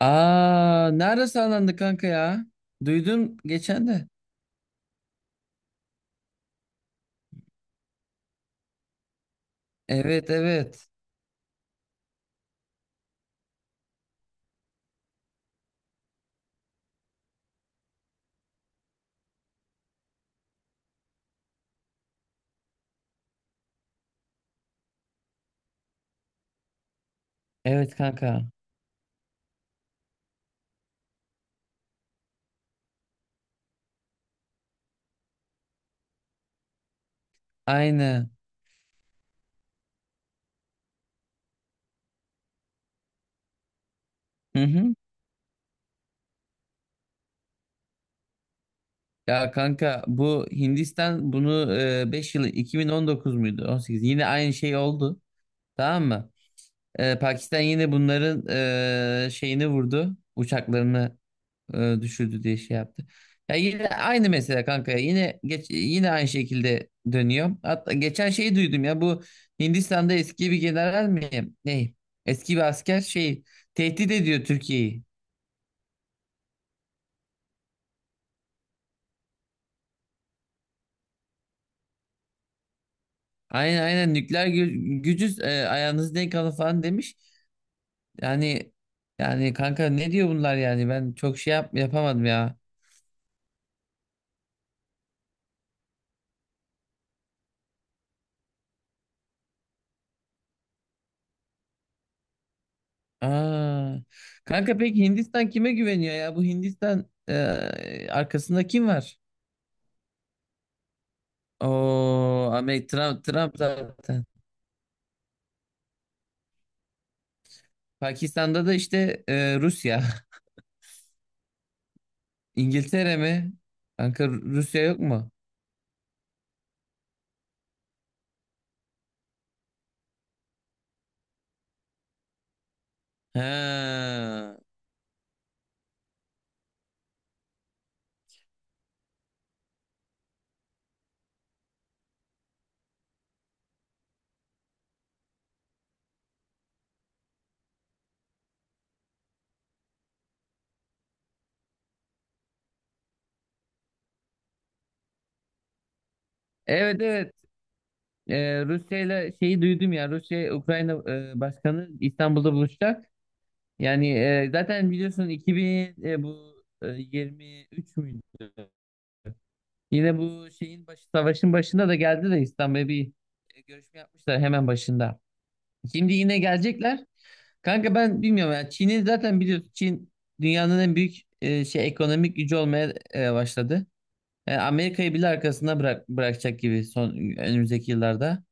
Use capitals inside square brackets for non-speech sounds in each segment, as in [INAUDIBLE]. Aa, nerede sağlandı kanka ya? Duydum geçen de. Evet, evet. Evet kanka. Aynı. Hı hı. Ya kanka, bu Hindistan bunu 5 yıl, 2019 muydu? 18. Yine aynı şey oldu. Tamam mı? Pakistan yine bunların şeyini vurdu. Uçaklarını düşürdü diye şey yaptı. Ya yine aynı mesele kanka, ya. Yine yine aynı şekilde dönüyor. Hatta geçen şeyi duydum ya, bu Hindistan'da eski bir general mi? Ne? Eski bir asker şey, tehdit ediyor Türkiye'yi. Aynen, aynen nükleer gücüz, ayağınızı denk alın falan demiş. Yani yani kanka, ne diyor bunlar yani? Ben çok şey yapamadım ya. Aa. Kanka peki Hindistan kime güveniyor ya? Bu Hindistan, arkasında kim var? O Amerika, Trump, Trump zaten. Pakistan'da da işte Rusya. [LAUGHS] İngiltere mi? Kanka Rusya yok mu? Ha. Evet, evet. Rusya ile şeyi duydum ya. Rusya, Ukrayna Başkanı İstanbul'da buluşacak. Yani zaten biliyorsun, 2000 bu 23 müydü? Yine bu şeyin başı, savaşın başında da geldi de, İstanbul'a bir görüşme yapmışlar hemen başında. Şimdi yine gelecekler. Kanka ben bilmiyorum ya. Çin'i zaten biliyorsun. Çin dünyanın en büyük şey ekonomik gücü olmaya başladı. Yani Amerika'yı bile arkasında bırakacak gibi son önümüzdeki yıllarda.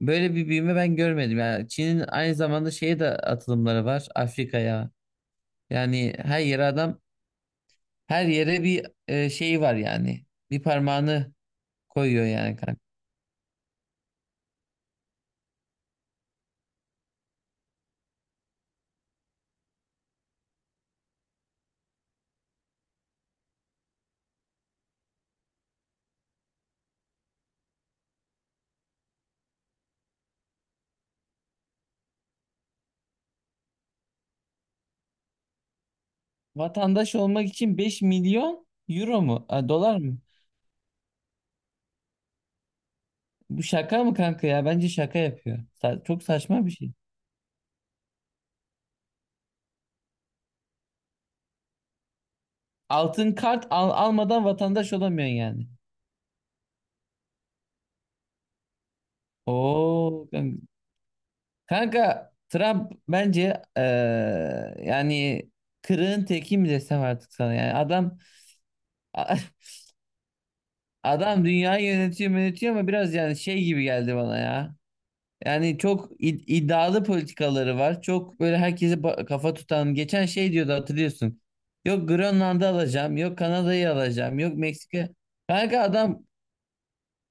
Böyle bir büyüme ben görmedim. Yani Çin'in aynı zamanda şeye de atılımları var, Afrika'ya. Yani her yere adam, her yere bir şeyi var yani. Bir parmağını koyuyor yani kanka. Vatandaş olmak için 5 milyon euro mu? A, dolar mı? Bu şaka mı kanka ya? Bence şaka yapıyor. Çok saçma bir şey. Altın kart almadan vatandaş olamıyorsun yani. Oo kanka. Kanka, Trump bence yani kırığın teki mi desem artık sana? Yani adam... [LAUGHS] Adam dünyayı yönetiyor, yönetiyor ama biraz yani şey gibi geldi bana ya. Yani çok iddialı politikaları var. Çok böyle herkese kafa tutan. Geçen şey diyordu, hatırlıyorsun. Yok Grönland'ı alacağım, yok Kanada'yı alacağım, yok Meksika. Kanka adam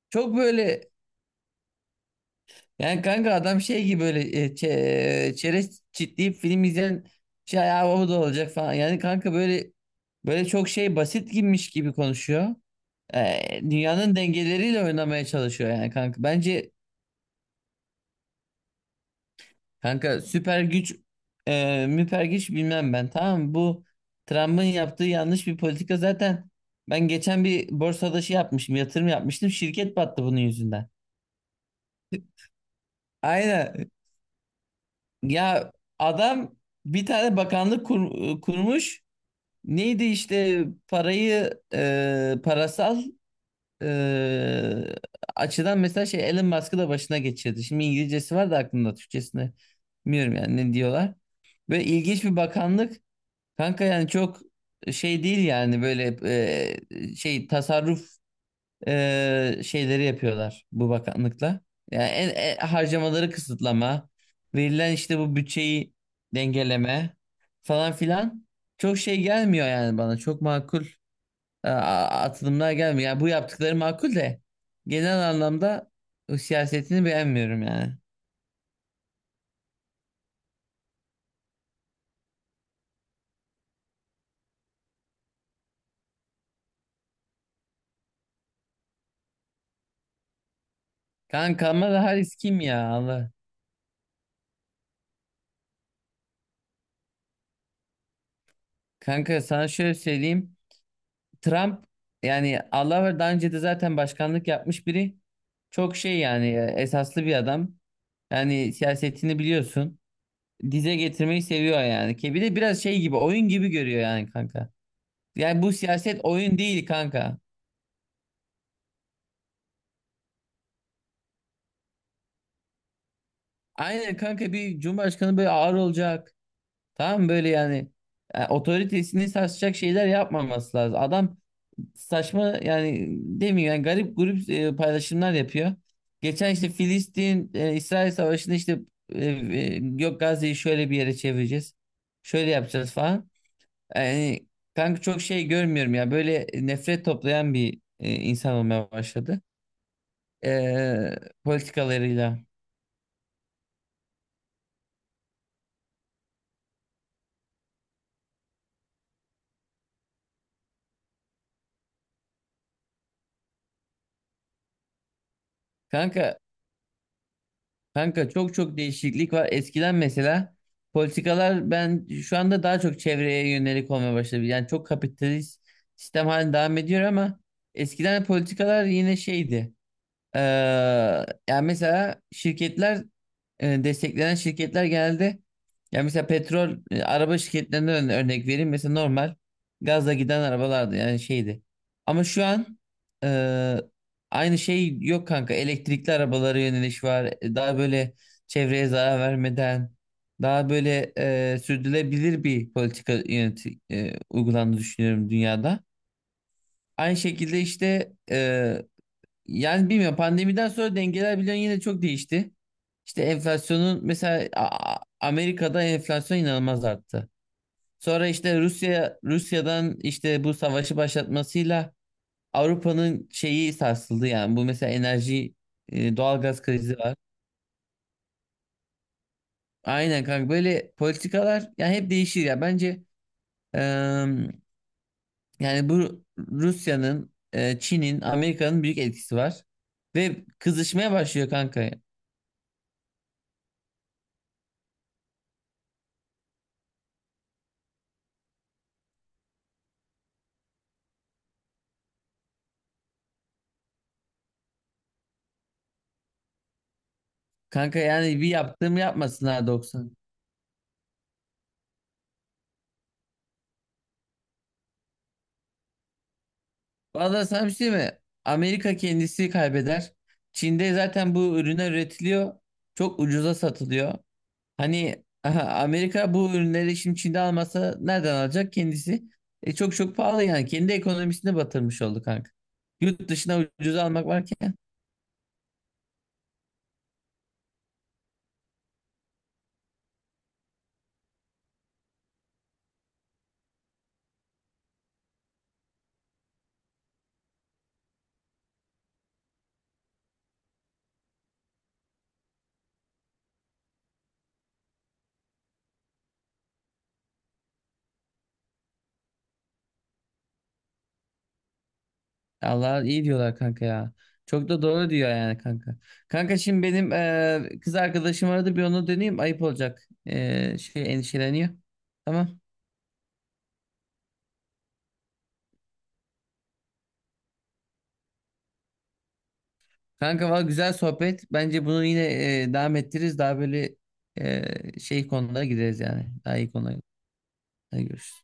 çok böyle, yani kanka adam şey gibi, böyle çerez çitleyip film izleyen şey ya, o da olacak falan. Yani kanka böyle, böyle çok şey basit gibiymiş gibi konuşuyor. Dünyanın dengeleriyle oynamaya çalışıyor yani kanka. Bence. Kanka, süper güç, müper güç bilmem ben, tamam mı? Bu Trump'ın yaptığı yanlış bir politika zaten. Ben geçen bir borsada şey yapmışım, yatırım yapmıştım, şirket battı bunun yüzünden. Aynen ya, adam bir tane bakanlık kurmuş, neydi işte parayı, parasal e, açıdan mesela şey, Elon Musk'ı da başına geçirdi. Şimdi İngilizcesi var da aklımda, Türkçesini bilmiyorum yani, ne diyorlar. Böyle ilginç bir bakanlık. Kanka yani çok şey değil yani, böyle şey tasarruf şeyleri yapıyorlar bu bakanlıkla. Yani harcamaları kısıtlama, verilen işte bu bütçeyi dengeleme falan filan, çok şey gelmiyor yani bana. Çok makul atılımlar gelmiyor. Yani bu yaptıkları makul de, genel anlamda o siyasetini beğenmiyorum yani. Kanka ama daha kim ya, Allah. Kanka sana şöyle söyleyeyim. Trump yani, Allah var, daha önce de zaten başkanlık yapmış biri. Çok şey yani, esaslı bir adam. Yani siyasetini biliyorsun. Dize getirmeyi seviyor yani. Ki bir de biraz şey gibi, oyun gibi görüyor yani kanka. Yani bu siyaset oyun değil kanka. Aynen kanka, bir cumhurbaşkanı böyle ağır olacak. Tamam mı? Böyle yani, otoritesini sarsacak şeyler yapmaması lazım. Adam saçma yani, demiyor yani, garip grup paylaşımlar yapıyor. Geçen işte Filistin, İsrail Savaşı'nda işte, yok Gazze'yi şöyle bir yere çevireceğiz, şöyle yapacağız falan. Yani kanka çok şey görmüyorum ya, böyle nefret toplayan bir insan olmaya başladı. E, Politikalarıyla. Kanka Kanka çok çok değişiklik var. Eskiden mesela politikalar, ben şu anda daha çok çevreye yönelik olmaya başladı. Yani çok kapitalist sistem halinde devam ediyor ama eskiden politikalar yine şeydi. Ee, Yani mesela şirketler, destekleyen şirketler genelde, ya mesela petrol, araba şirketlerinden örnek vereyim, mesela normal gazla giden arabalardı yani, şeydi. Ama şu an e, aynı şey yok kanka. Elektrikli arabalara yöneliş var. Daha böyle çevreye zarar vermeden, daha böyle sürdürülebilir bir politika uygulandığını düşünüyorum dünyada. Aynı şekilde işte, yani bilmiyorum, pandemiden sonra dengeler biliyorsun yine çok değişti. İşte enflasyonun mesela, Amerika'da enflasyon inanılmaz arttı. Sonra işte Rusya'dan işte bu savaşı başlatmasıyla Avrupa'nın şeyi sarsıldı yani. Bu mesela enerji, doğalgaz krizi var. Aynen kanka, böyle politikalar yani hep değişir ya. Bence e, yani bu Rusya'nın, Çin'in, Amerika'nın büyük etkisi var ve kızışmaya başlıyor kanka. Kanka yani bir yaptığımı yapmasın, ha, 90. Valla sana bir şey mi? Amerika kendisi kaybeder. Çin'de zaten bu ürünler üretiliyor. Çok ucuza satılıyor. Hani aha, Amerika bu ürünleri şimdi Çin'de almasa nereden alacak kendisi? Çok çok pahalı yani. Kendi ekonomisine batırmış oldu kanka. Yurt dışına ucuza almak varken. Allah iyi diyorlar kanka ya. Çok da doğru diyor yani kanka. Kanka şimdi benim kız arkadaşım aradı, bir onu deneyeyim, ayıp olacak. Şey, endişeleniyor. Tamam. Kanka valla güzel sohbet. Bence bunu yine devam ettiririz. Daha böyle şey konulara gideriz yani. Daha iyi konulara. Hadi görüşürüz.